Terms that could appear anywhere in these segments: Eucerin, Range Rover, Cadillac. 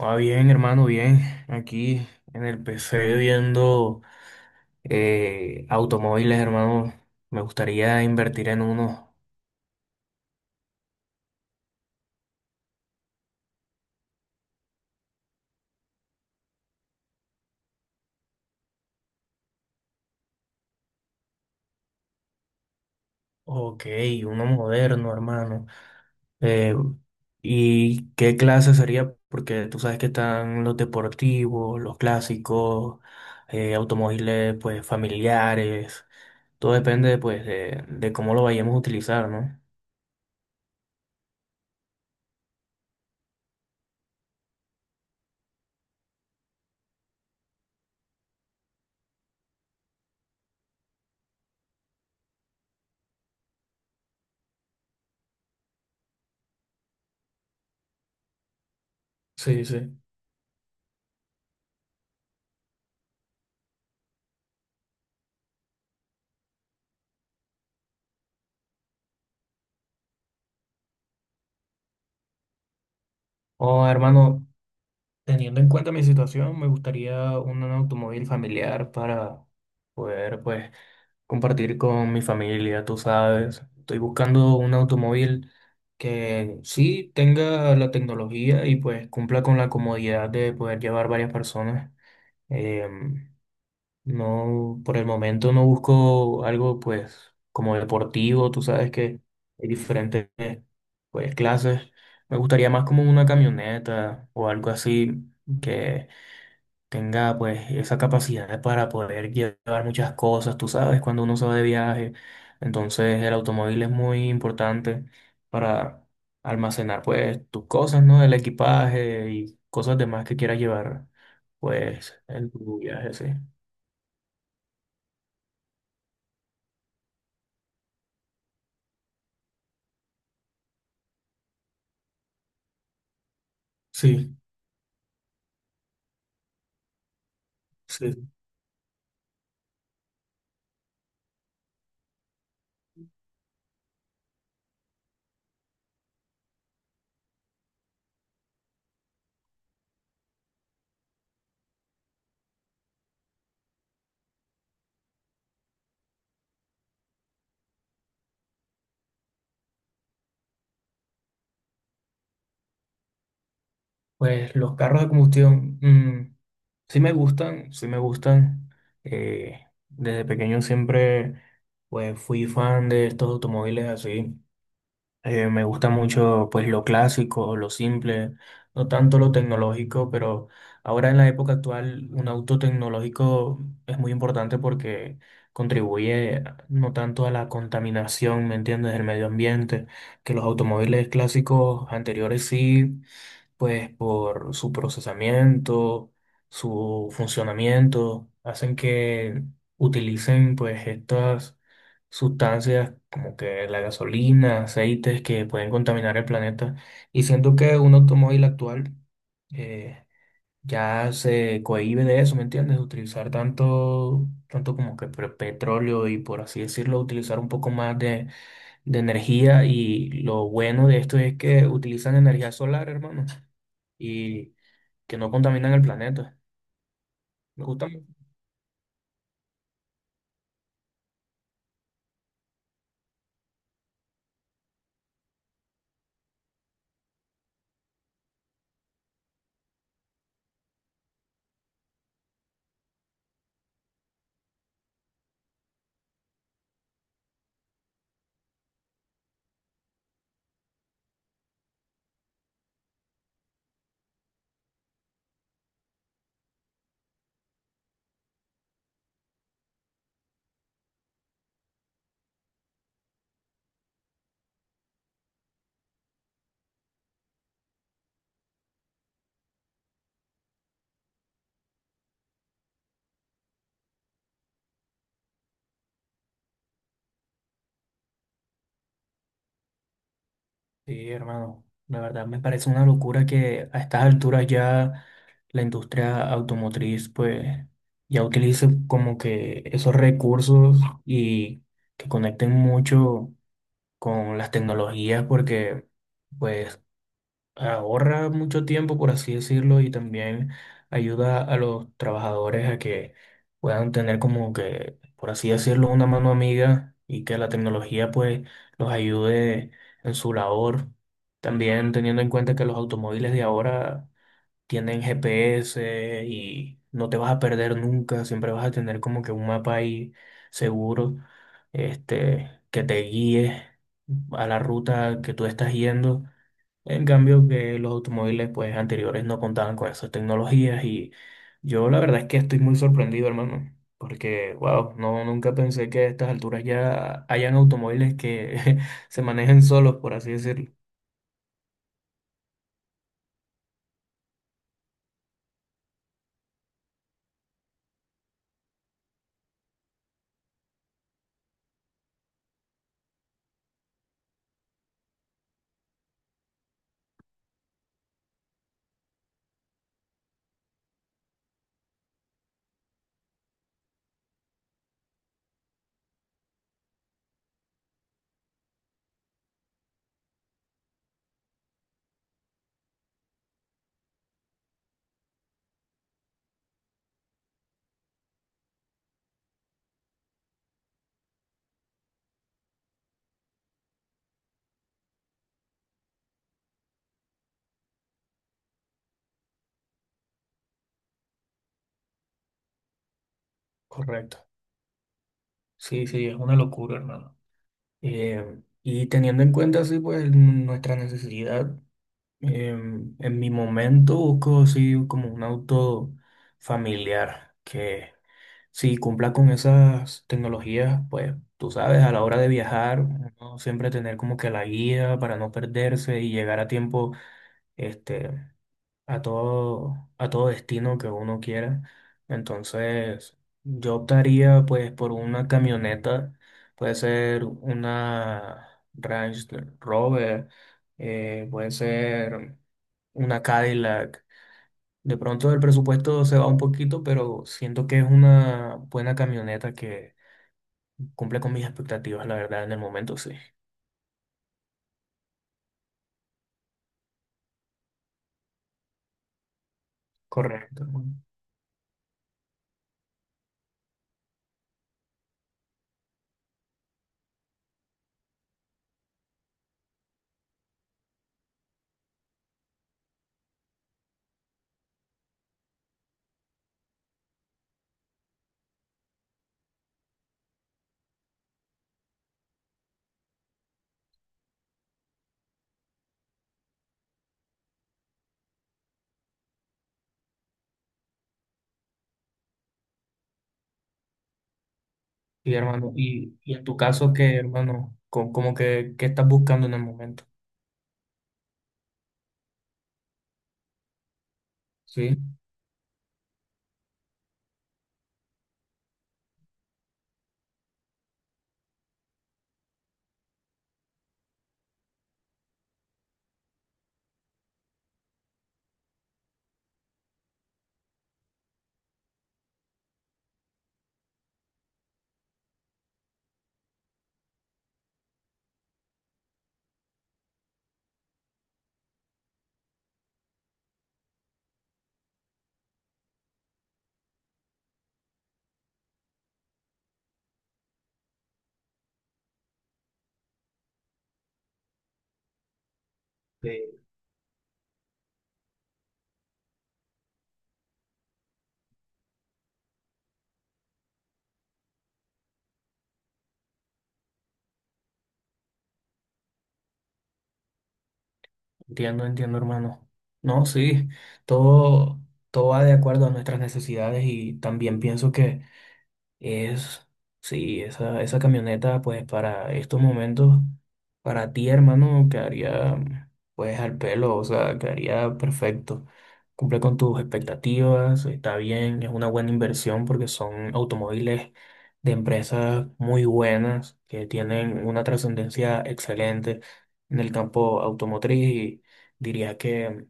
Ah, bien, hermano, bien. Aquí en el PC viendo automóviles, hermano. Me gustaría invertir en uno. Ok, uno moderno, hermano. Eh, ¿Y qué clase sería? Porque tú sabes que están los deportivos, los clásicos, automóviles pues familiares. Todo depende pues de cómo lo vayamos a utilizar, ¿no? Sí, sí. Oh, hermano. Teniendo en cuenta mi situación, me gustaría un automóvil familiar para poder, pues, compartir con mi familia, tú sabes. Estoy buscando un automóvil que sí tenga la tecnología y pues cumpla con la comodidad de poder llevar varias personas. Em, no, por el momento no busco algo, pues, como deportivo, tú sabes que hay diferentes, pues, clases. Me gustaría más como una camioneta o algo así que tenga pues esa capacidad para poder llevar muchas cosas, tú sabes, cuando uno se va de viaje. Entonces el automóvil es muy importante para almacenar pues tus cosas, ¿no? El equipaje y cosas demás que quieras llevar pues en tu viaje, sí. Sí, sí. Pues los carros de combustión, sí me gustan, sí me gustan. Eh, Desde pequeño siempre pues fui fan de estos automóviles así. Me gusta mucho pues lo clásico, lo simple, no tanto lo tecnológico, pero ahora en la época actual un auto tecnológico es muy importante porque contribuye a- no tanto a la contaminación, ¿me entiendes?, del medio ambiente, que los automóviles clásicos anteriores sí pues por su procesamiento, su funcionamiento, hacen que utilicen pues estas sustancias como que la gasolina, aceites que pueden contaminar el planeta. Y siento que un automóvil actual eh, ya se cohíbe de eso, ¿me entiendes? Utilizar tanto, tanto como que pre- petróleo y por así decirlo, utilizar un poco más de energía y lo bueno de esto es que utilizan energía solar, hermano, y que no contaminan el planeta. Me gusta mucho. Sí, hermano, la verdad me parece una locura que a estas alturas ya la industria automotriz pues ya utilice como que esos recursos y que conecten mucho con las tecnologías porque pues ahorra mucho tiempo, por así decirlo, y también ayuda a los trabajadores a que puedan tener como que, por así decirlo, una mano amiga y que la tecnología pues los ayude en su labor. También teniendo en cuenta que los automóviles de ahora tienen GPS y no te vas a perder nunca, siempre vas a tener como que un mapa ahí seguro, este, que te guíe a la ruta que tú estás yendo, en cambio que los automóviles pues anteriores no contaban con esas tecnologías y yo la verdad es que estoy muy sorprendido, hermano, porque wow, no, nunca pensé que a estas alturas ya hayan automóviles que se manejen solos, por así decirlo. Correcto. Sí, sí, es una locura, hermano. Y teniendo en cuenta así pues n- nuestra necesidad, en mi momento busco así como un auto familiar que si cumpla con esas tecnologías, pues tú sabes, a la hora de viajar, uno siempre tener como que la guía para no perderse y llegar a tiempo, este, a todo destino que uno quiera. Entonces, yo optaría pues por una camioneta, puede ser una Range Rover, puede ser una Cadillac. De pronto el presupuesto se va un poquito, pero siento que es una buena camioneta que cumple con mis expectativas, la verdad, en el momento sí. Correcto, hermano. Y hermano, y en tu caso, ¿qué, hermano? Co- Como, que, ¿qué estás buscando en el momento? Sí, eh, entiendo, entiendo, hermano. No, sí, todo, todo va de acuerdo a nuestras necesidades y también pienso que es, sí, esa camioneta, pues para estos momentos, para ti, hermano, quedaría, pues al pelo, o sea, quedaría perfecto. Cumple con tus expectativas, está bien, es una buena inversión porque son automóviles de empresas muy buenas que tienen una trascendencia excelente en el campo automotriz y diría que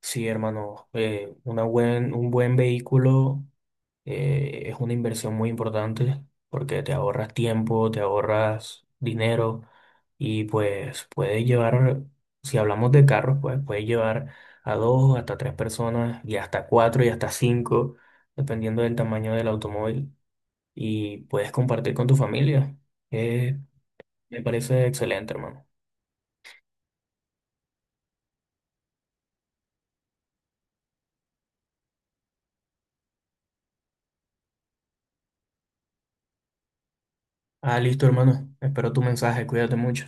sí, hermano, una buen, un buen vehículo. Es una inversión muy importante porque te ahorras tiempo, te ahorras dinero y pues puedes llevar, si hablamos de carros, pues puedes llevar a dos, hasta tres personas y hasta cuatro y hasta cinco, dependiendo del tamaño del automóvil y puedes compartir con tu familia. Eh, Me parece excelente, hermano. Ah, listo, hermano. Espero tu mensaje. Cuídate mucho.